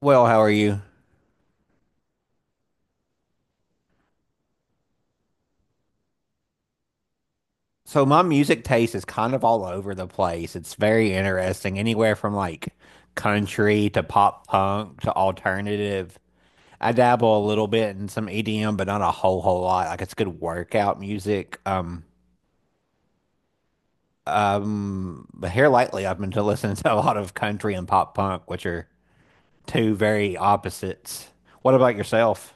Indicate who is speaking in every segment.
Speaker 1: Well, how are you? So my music taste is kind of all over the place. It's very interesting, anywhere from like country to pop punk to alternative. I dabble a little bit in some EDM, but not a whole lot. Like it's good workout music. But here lately I've been to listening to a lot of country and pop punk, which are two very opposites. What about yourself?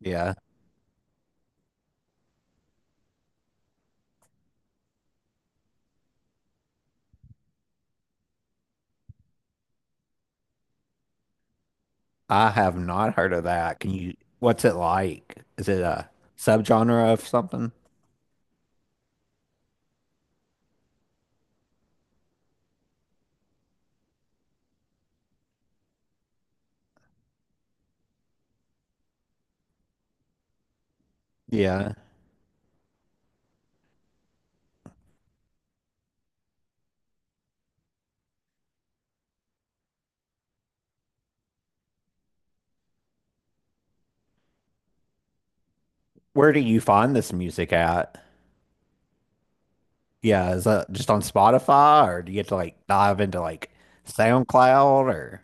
Speaker 1: Yeah, I have not heard of that. Can you, what's it like? Is it a subgenre of something? Yeah. Where do you find this music at? Yeah, is that just on Spotify or do you get to like dive into like SoundCloud or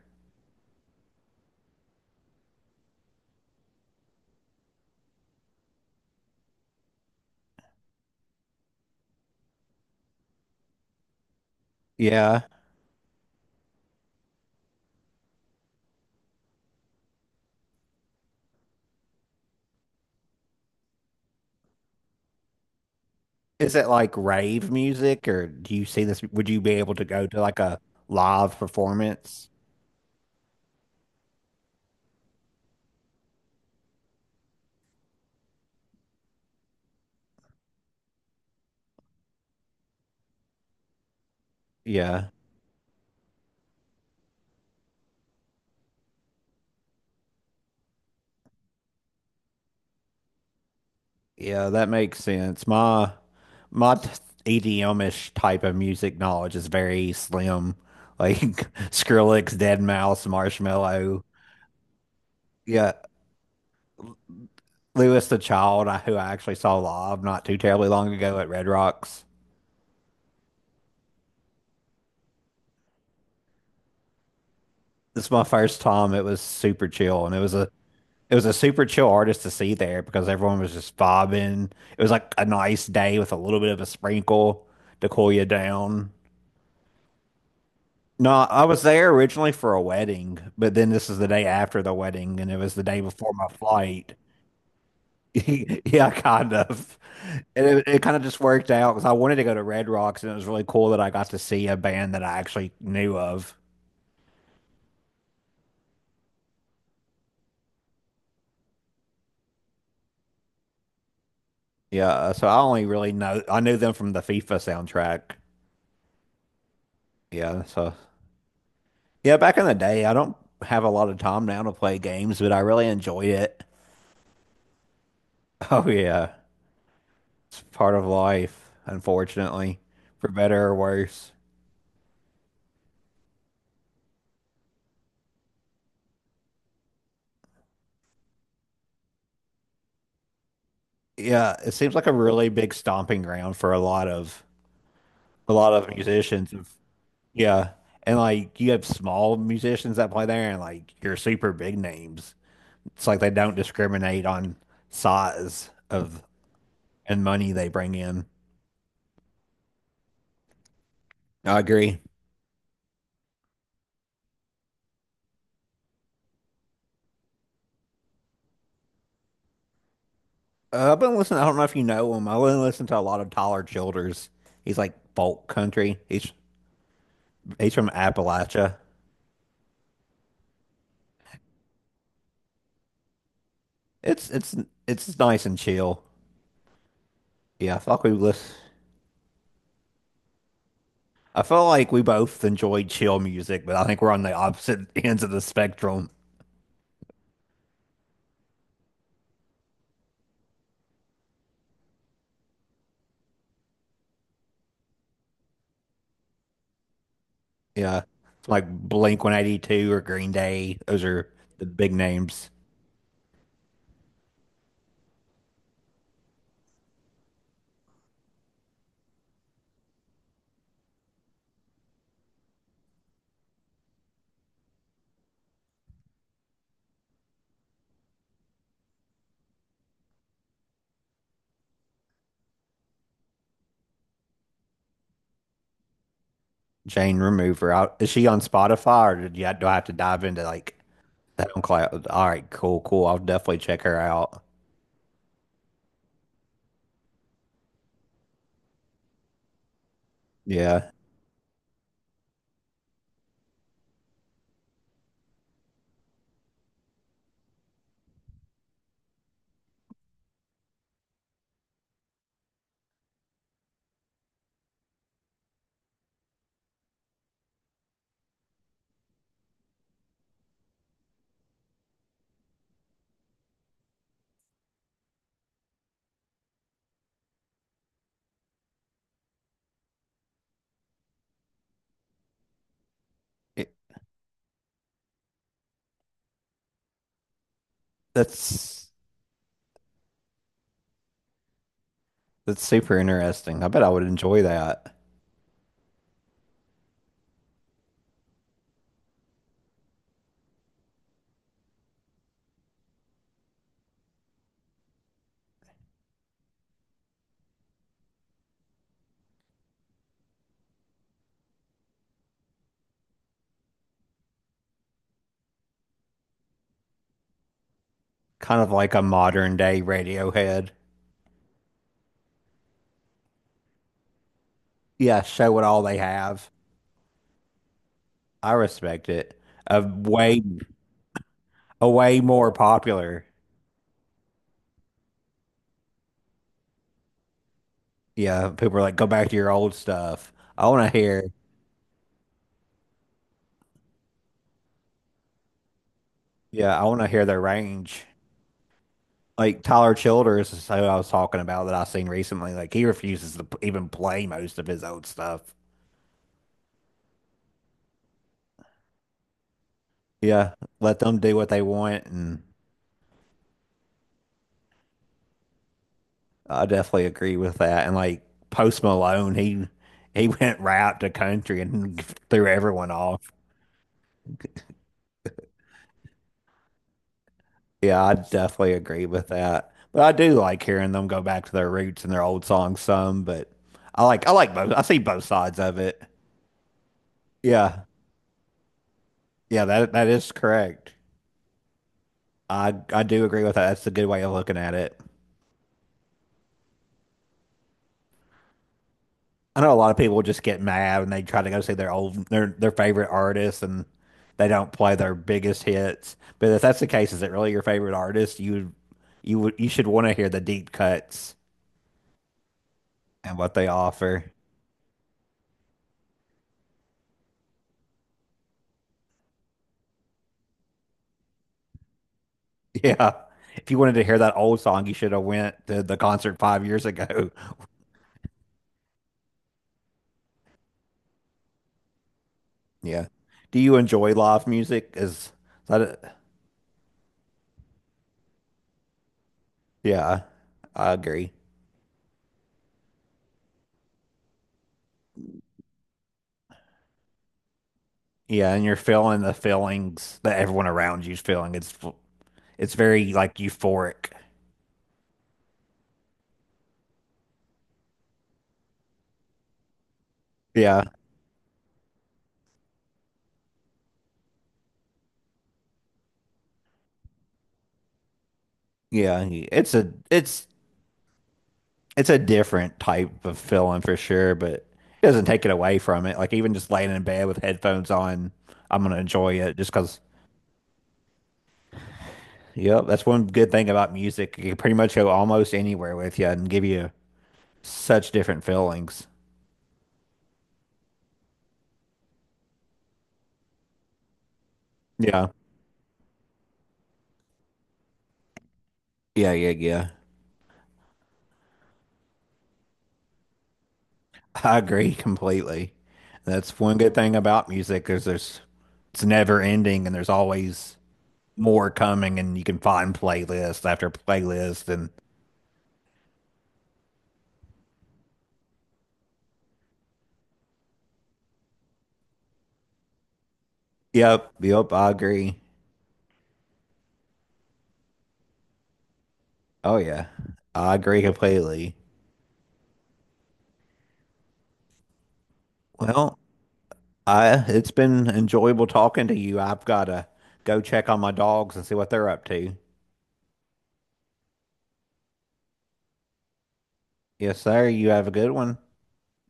Speaker 1: yeah. Is it like rave music or do you see this? Would you be able to go to like a live performance? Yeah. Yeah, that makes sense. My t- ish type of music knowledge is very slim. Like Skrillex, Dead Mouse, Marshmello. Yeah. Lewis the Child, who I actually saw live not too terribly long ago at Red Rocks. This is my first time. It was super chill, and it was a super chill artist to see there because everyone was just vibing. It was like a nice day with a little bit of a sprinkle to cool you down. No, I was there originally for a wedding, but then this is the day after the wedding, and it was the day before my flight. Yeah, kind of. And it kind of just worked out because I wanted to go to Red Rocks, and it was really cool that I got to see a band that I actually knew of. Yeah, so I only really know I knew them from the FIFA soundtrack. Yeah, so yeah, back in the day, I don't have a lot of time now to play games, but I really enjoyed it. Oh yeah, it's part of life, unfortunately, for better or worse. Yeah, it seems like a really big stomping ground for a lot of musicians. Yeah. And like you have small musicians that play there and like your super big names. It's like they don't discriminate on size of and money they bring in. I agree. I've been listening. I don't know if you know him. I've been listening to a lot of Tyler Childers. He's like folk country, he's from Appalachia. It's it's nice and chill. Yeah, I felt like we listen. I felt like we both enjoyed chill music, but I think we're on the opposite ends of the spectrum. Yeah. Like Blink 182 or Green Day. Those are the big names. Jane Remover. Is she on Spotify or did you, do I have to dive into like that on cloud? All right, cool. I'll definitely check her out. Yeah. It- that's that's super interesting. I bet I would enjoy that. Kind of like a modern day Radiohead. Yeah, show what all they have. I respect it. A way a way more popular. Yeah, people are like, go back to your old stuff. I want to hear Yeah, I want to hear their range. Like Tyler Childers is who I was talking about that I seen recently. Like he refuses to even play most of his old stuff. Yeah, let them do what they want, and I definitely agree with that. And like Post Malone, he went right out to country and threw everyone off. Yeah, I definitely agree with that. But I do like hearing them go back to their roots and their old songs some. But I like both. I see both sides of it. Yeah, yeah, that that is correct. I do agree with that. That's a good way of looking at it. I know a lot of people just get mad and they try to go see their favorite artists and they don't play their biggest hits. But if that's the case, is it really your favorite artist? You should want to hear the deep cuts and what they offer. Yeah. If you wanted to hear that old song, you should have went to the concert 5 years ago. Yeah. Do you enjoy live music? Is that a, yeah, I agree. Yeah, and you're feeling the feelings that everyone around you's feeling. It's very like euphoric. Yeah, yeah. It's it's a different type of feeling for sure, but it doesn't take it away from it. Like even just laying in bed with headphones on, I'm gonna enjoy it just 'cause. Yep, that's one good thing about music. You can pretty much go almost anywhere with you and give you such different feelings. Yeah, yeah. yeah. I agree completely. That's one good thing about music is there's it's never ending and there's always more coming and you can find playlist after playlist and yep, I agree. Oh yeah. I agree completely. Well, I it's been enjoyable talking to you. I've got to go check on my dogs and see what they're up to. Yes, sir. You have a good one.